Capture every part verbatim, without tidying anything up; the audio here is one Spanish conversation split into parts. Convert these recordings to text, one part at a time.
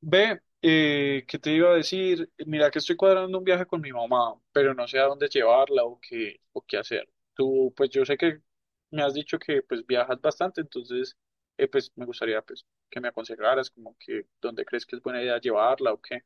Ve, eh, ¿qué te iba a decir? Mira que estoy cuadrando un viaje con mi mamá, pero no sé a dónde llevarla o qué, o qué hacer. Tú, pues yo sé que me has dicho que pues viajas bastante, entonces eh, pues me gustaría pues que me aconsejaras como que dónde crees que es buena idea llevarla o qué.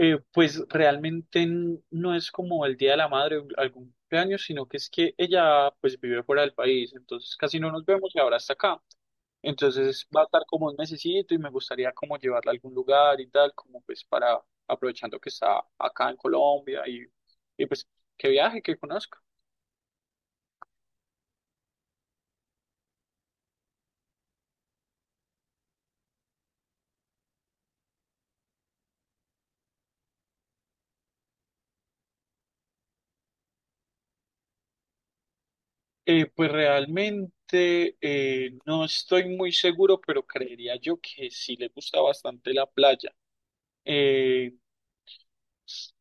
Eh, pues realmente n- no es como el Día de la Madre o algún cumpleaños, sino que es que ella pues vive fuera del país, entonces casi no nos vemos y ahora está acá. Entonces va a estar como un mesecito y me gustaría como llevarla a algún lugar y tal, como pues para aprovechando que está acá en Colombia y, y pues que viaje, que conozca. Eh, pues realmente eh, no estoy muy seguro, pero creería yo que sí le gusta bastante la playa. Eh,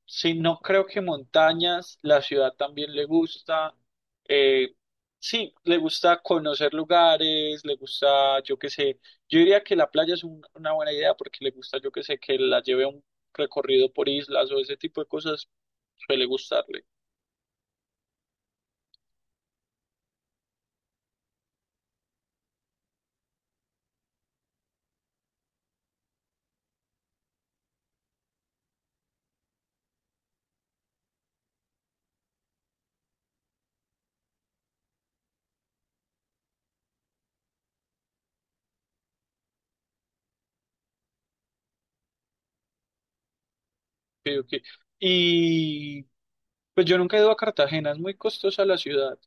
sí, no creo que montañas, la ciudad también le gusta. Eh, sí, le gusta conocer lugares, le gusta, yo qué sé, yo diría que la playa es un- una buena idea porque le gusta, yo qué sé, que la lleve a un recorrido por islas o ese tipo de cosas, suele gustarle. creo que- Y Pues yo nunca he ido a Cartagena, es muy costosa la ciudad.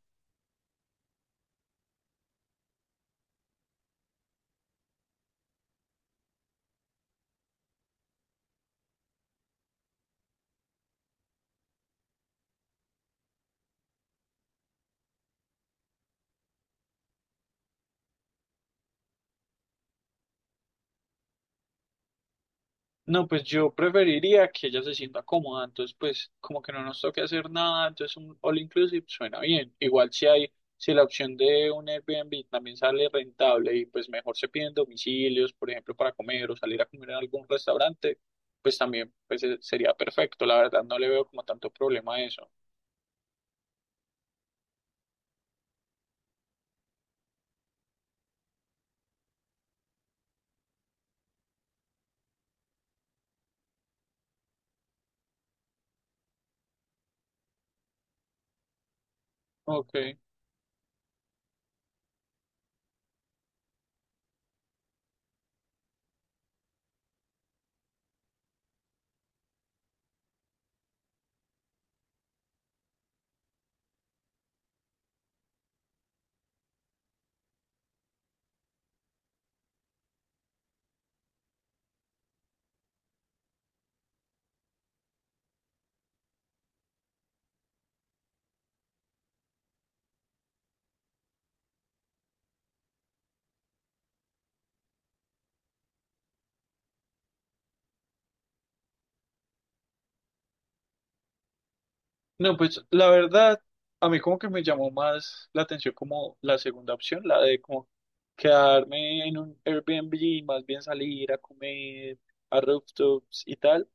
No, pues yo preferiría que ella se sienta cómoda, entonces pues como que no nos toque hacer nada, entonces un all inclusive suena bien. Igual si hay, si la opción de un Airbnb también sale rentable y pues mejor se piden domicilios, por ejemplo, para comer o salir a comer en algún restaurante, pues también pues eh, sería perfecto, la verdad no le veo como tanto problema a eso. Ok. No, pues la verdad, a mí como que me llamó más la atención como la segunda opción, la de como quedarme en un Airbnb, más bien salir a comer a rooftops y tal,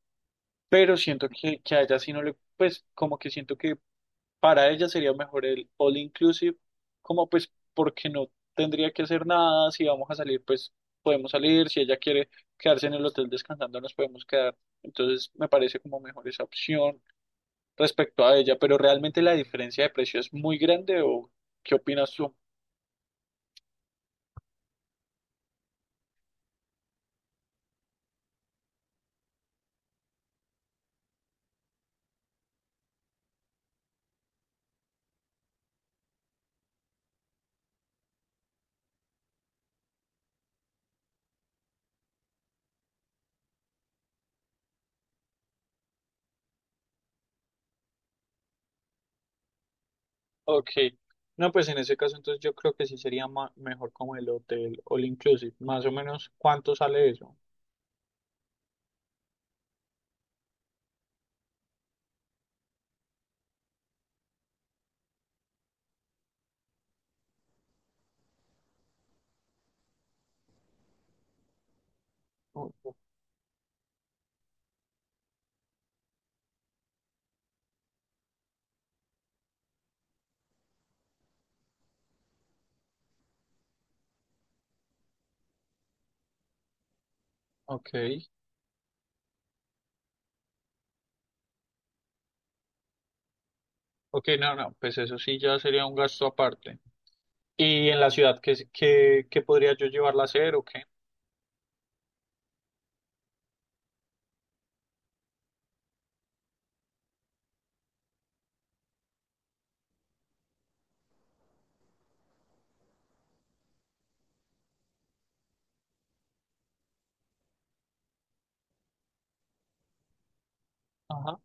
pero siento que, que a ella sí no le, pues como que siento que para ella sería mejor el all inclusive, como pues porque no tendría que hacer nada, si vamos a salir pues podemos salir, si ella quiere quedarse en el hotel descansando nos podemos quedar, entonces me parece como mejor esa opción respecto a ella, pero realmente la diferencia de precio es muy grande o ¿qué opinas tú? Ok, no, pues en ese caso entonces yo creo que sí sería ma- mejor como el hotel all inclusive, más o menos cuánto sale eso. O- o- Ok, ok, no, no, pues eso sí ya sería un gasto aparte. ¿Y en la ciudad qué, es- qué, qué podría yo llevarla a hacer o qué? Ajá,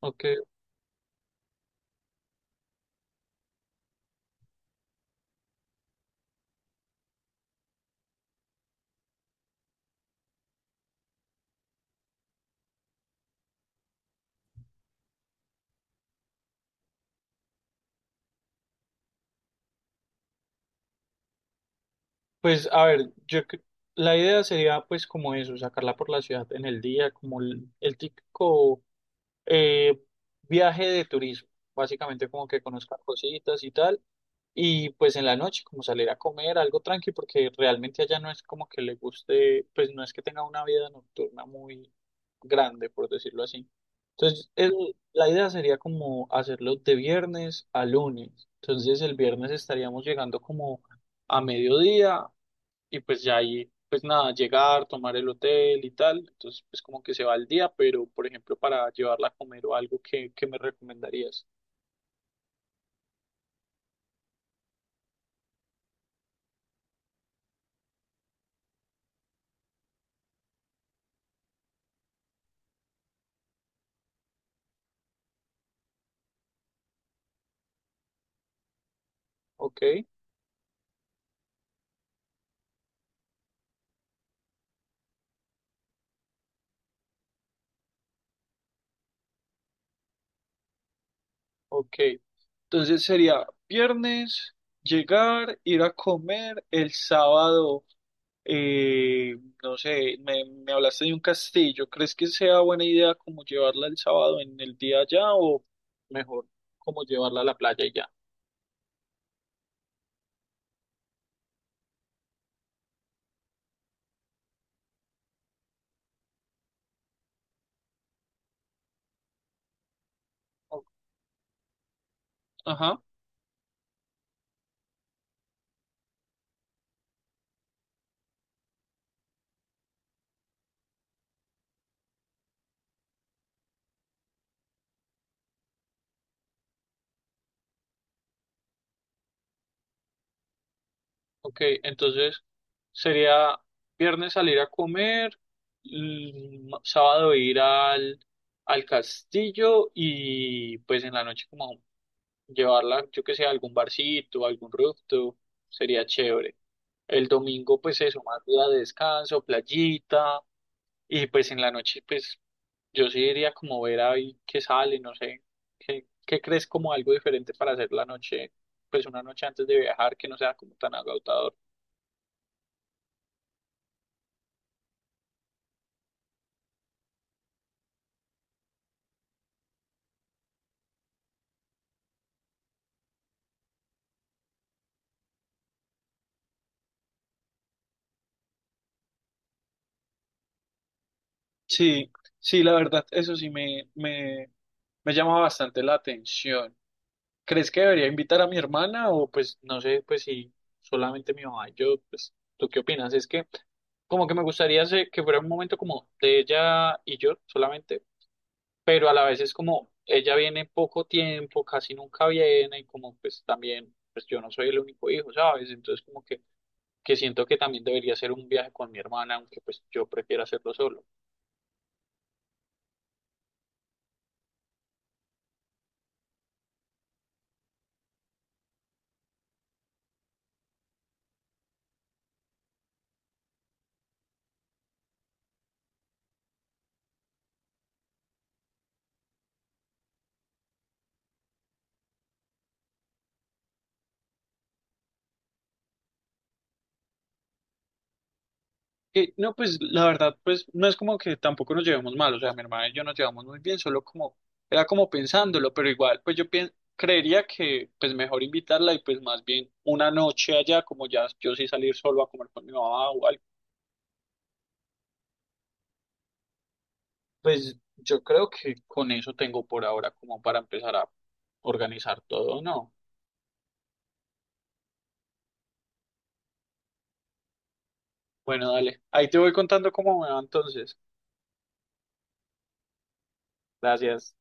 ok. Pues a ver, yo cre- la idea sería pues como eso, sacarla por la ciudad en el día, como el, el típico eh, viaje de turismo, básicamente como que conozcan cositas y tal, y pues en la noche como salir a comer algo tranqui, porque realmente allá no es como que le guste, pues no es que tenga una vida nocturna muy grande, por decirlo así. Entonces, el- la idea sería como hacerlo de viernes a lunes. Entonces, el viernes estaríamos llegando como a mediodía y pues ya ahí, pues nada, llegar, tomar el hotel y tal, entonces pues como que se va al día, pero por ejemplo para llevarla a comer o algo, ¿qué, qué me recomendarías? Ok, ok, entonces sería viernes, llegar, ir a comer, el sábado, eh, no sé, me, me hablaste de un castillo, ¿crees que sea buena idea como llevarla el sábado en el día allá o mejor como llevarla a la playa y ya? O- Ajá, ok, entonces... Sería viernes salir a comer, l- sábado ir al, al castillo y pues en la noche como llevarla, yo que sé, a algún barcito, a algún rooftop, sería chévere. El domingo pues eso, más día de descanso, playita y pues en la noche pues yo sí iría como ver ahí qué sale, no sé, qué, qué crees como algo diferente para hacer la noche, pues una noche antes de viajar que no sea como tan agotador. Sí, sí, la verdad, eso sí me, me, me llama bastante la atención. ¿Crees que debería invitar a mi hermana o pues no sé, pues si solamente mi mamá y yo, pues tú qué opinas? Es que como que me gustaría se- que fuera un momento como de ella y yo solamente, pero a la vez es como ella viene poco tiempo, casi nunca viene y como pues también, pues yo no soy el único hijo, ¿sabes? Entonces como que, que siento que también debería ser un viaje con mi hermana, aunque pues yo prefiera hacerlo solo. Eh, no, pues la verdad, pues no es como que tampoco nos llevemos mal, o sea, mi hermana y yo nos llevamos muy bien, solo como, era como pensándolo, pero igual, pues yo pien- creería que pues mejor invitarla y pues más bien una noche allá, como ya yo sí salir solo a comer con mi mamá o algo, pues yo creo que con eso tengo por ahora como para empezar a organizar todo, ¿no? Bueno, dale, ahí te voy contando cómo me va entonces. Gracias.